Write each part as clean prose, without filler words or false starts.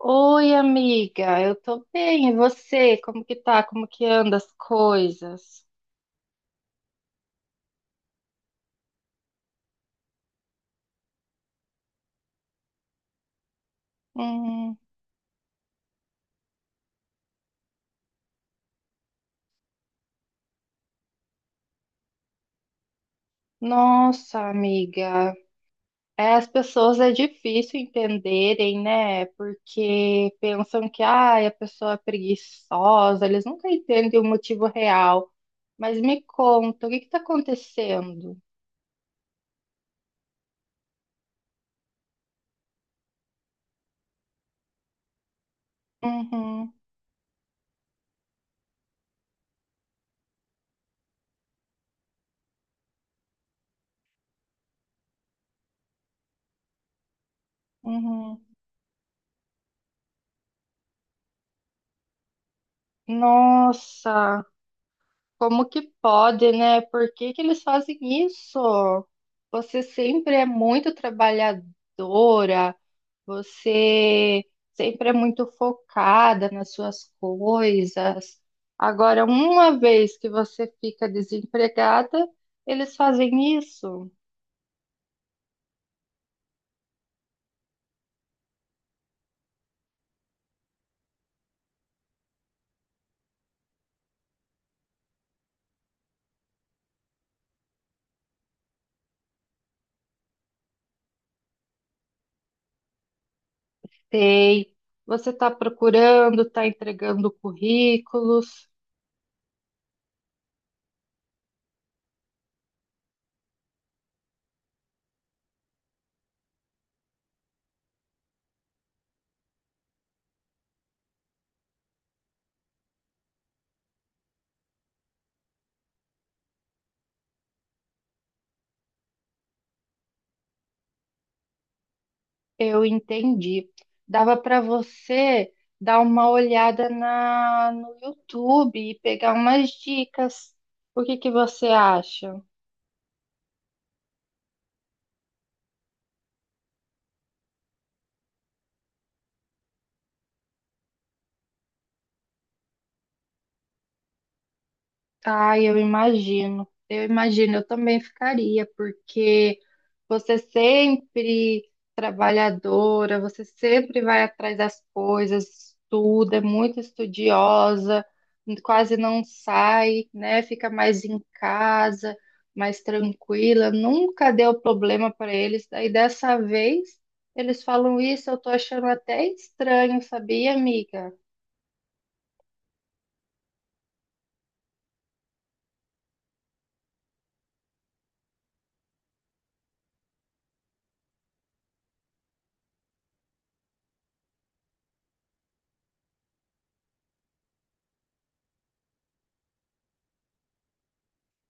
Oi, amiga, eu tô bem. E você? Como que tá? Como que anda as coisas? Hum, nossa, amiga, é, as pessoas é difícil entenderem, né? Porque pensam que ai, a pessoa é preguiçosa, eles nunca entendem o motivo real. Mas me conta, o que que tá acontecendo? Uhum, uhum. Nossa. Como que pode, né? Por que que eles fazem isso? Você sempre é muito trabalhadora, você sempre é muito focada nas suas coisas. Agora, uma vez que você fica desempregada, eles fazem isso. Tem. Você está procurando, está entregando currículos. Eu entendi. Dava para você dar uma olhada no YouTube e pegar umas dicas. O que que você acha? Ah, eu imagino. Eu imagino, eu também ficaria, porque você sempre trabalhadora, você sempre vai atrás das coisas, estuda, é muito estudiosa, quase não sai, né? Fica mais em casa, mais tranquila, nunca deu problema para eles. Daí dessa vez eles falam isso, eu tô achando até estranho, sabia, amiga?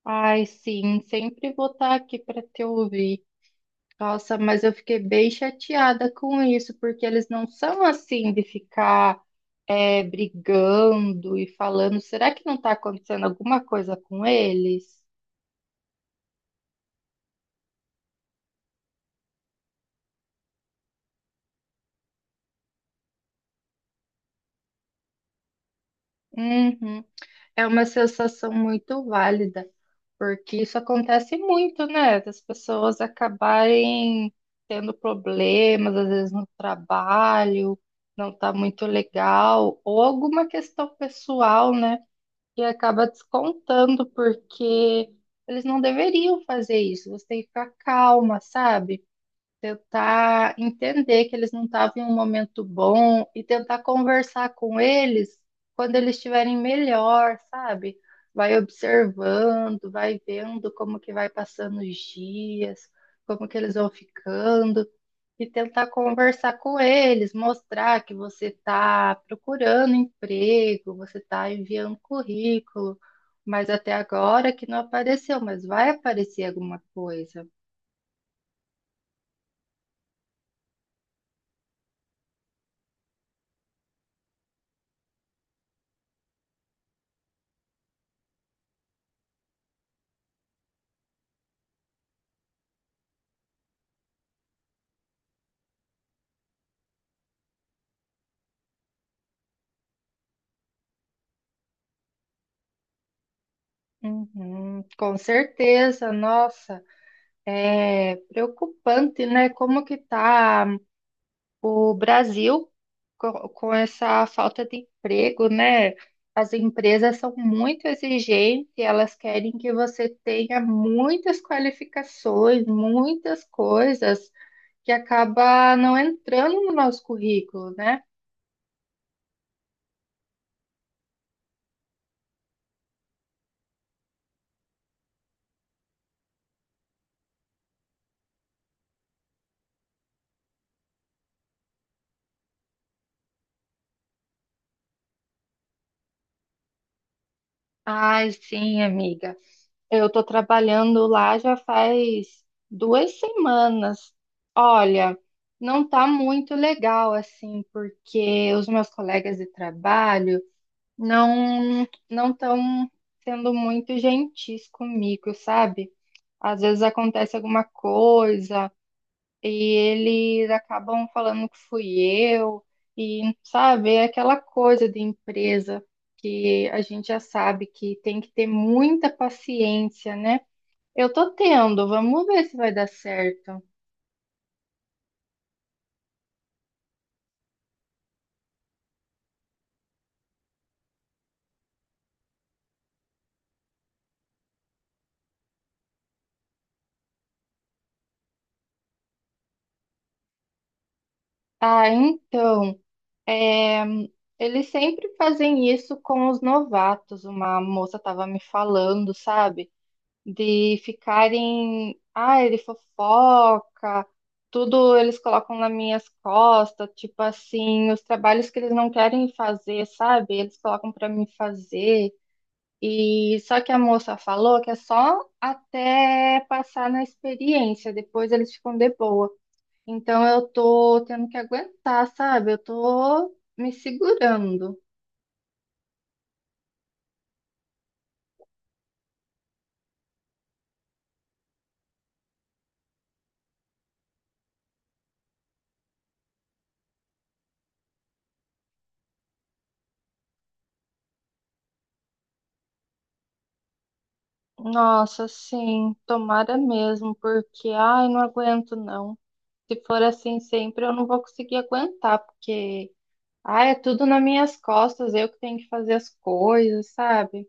Ai, sim, sempre vou estar aqui para te ouvir. Nossa, mas eu fiquei bem chateada com isso, porque eles não são assim de ficar é, brigando e falando. Será que não está acontecendo alguma coisa com eles? Uhum. É uma sensação muito válida, porque isso acontece muito, né? Das pessoas acabarem tendo problemas, às vezes no trabalho, não tá muito legal, ou alguma questão pessoal, né? E acaba descontando, porque eles não deveriam fazer isso. Você tem que ficar calma, sabe? Tentar entender que eles não estavam em um momento bom e tentar conversar com eles quando eles estiverem melhor, sabe? Vai observando, vai vendo como que vai passando os dias, como que eles vão ficando e tentar conversar com eles, mostrar que você está procurando emprego, você está enviando currículo, mas até agora que não apareceu, mas vai aparecer alguma coisa. Uhum, com certeza, nossa, é preocupante, né? Como que tá o Brasil com, essa falta de emprego, né? As empresas são muito exigentes, elas querem que você tenha muitas qualificações, muitas coisas que acaba não entrando no nosso currículo, né? Ai, sim, amiga. Eu estou trabalhando lá já faz duas semanas. Olha, não está muito legal assim, porque os meus colegas de trabalho não estão sendo muito gentis comigo, sabe? Às vezes acontece alguma coisa e eles acabam falando que fui eu e sabe, é aquela coisa de empresa que a gente já sabe que tem que ter muita paciência, né? Eu tô tendo, vamos ver se vai dar certo. Ah, então, é, eles sempre fazem isso com os novatos. Uma moça tava me falando, sabe? De ficarem, ah, ele fofoca, tudo eles colocam nas minhas costas, tipo assim, os trabalhos que eles não querem fazer, sabe? Eles colocam pra mim fazer. E só que a moça falou que é só até passar na experiência, depois eles ficam de boa. Então eu tô tendo que aguentar, sabe? Eu tô me segurando. Nossa, sim, tomara mesmo, porque ai, não aguento não. Se for assim sempre, eu não vou conseguir aguentar, porque ai, é tudo nas minhas costas, eu que tenho que fazer as coisas, sabe?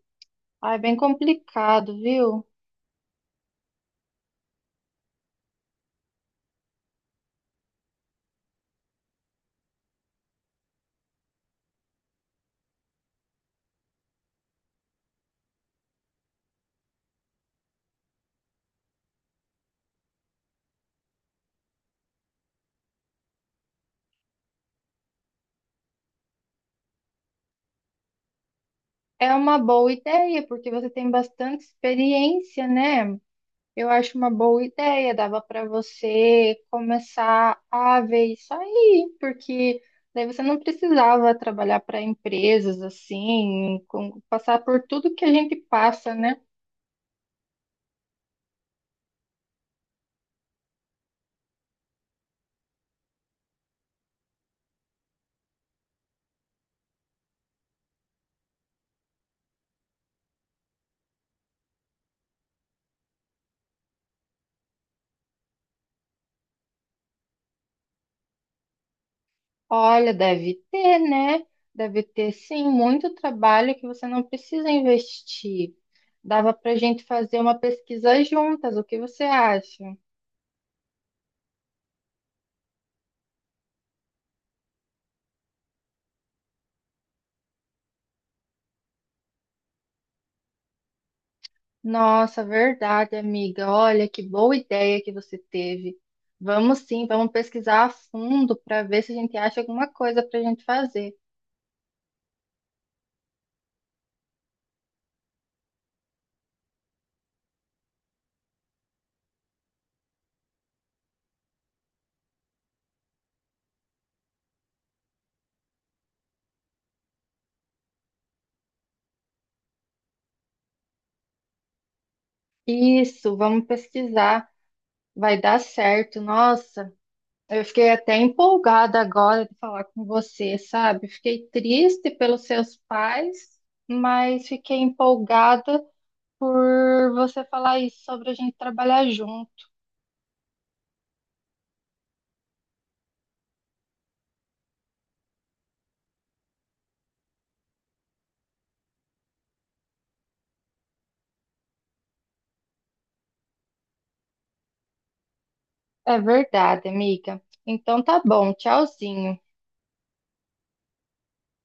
Ai, é bem complicado, viu? É uma boa ideia, porque você tem bastante experiência, né? Eu acho uma boa ideia, dava para você começar a ver isso aí, porque daí você não precisava trabalhar para empresas assim, passar por tudo que a gente passa, né? Olha, deve ter, né? Deve ter sim muito trabalho que você não precisa investir. Dava para a gente fazer uma pesquisa juntas, o que você acha? Nossa, verdade, amiga. Olha que boa ideia que você teve. Vamos sim, vamos pesquisar a fundo para ver se a gente acha alguma coisa para a gente fazer. Isso, vamos pesquisar. Vai dar certo. Nossa, eu fiquei até empolgada agora de falar com você, sabe? Fiquei triste pelos seus pais, mas fiquei empolgada por você falar isso sobre a gente trabalhar junto. É verdade, amiga. Então tá bom, tchauzinho.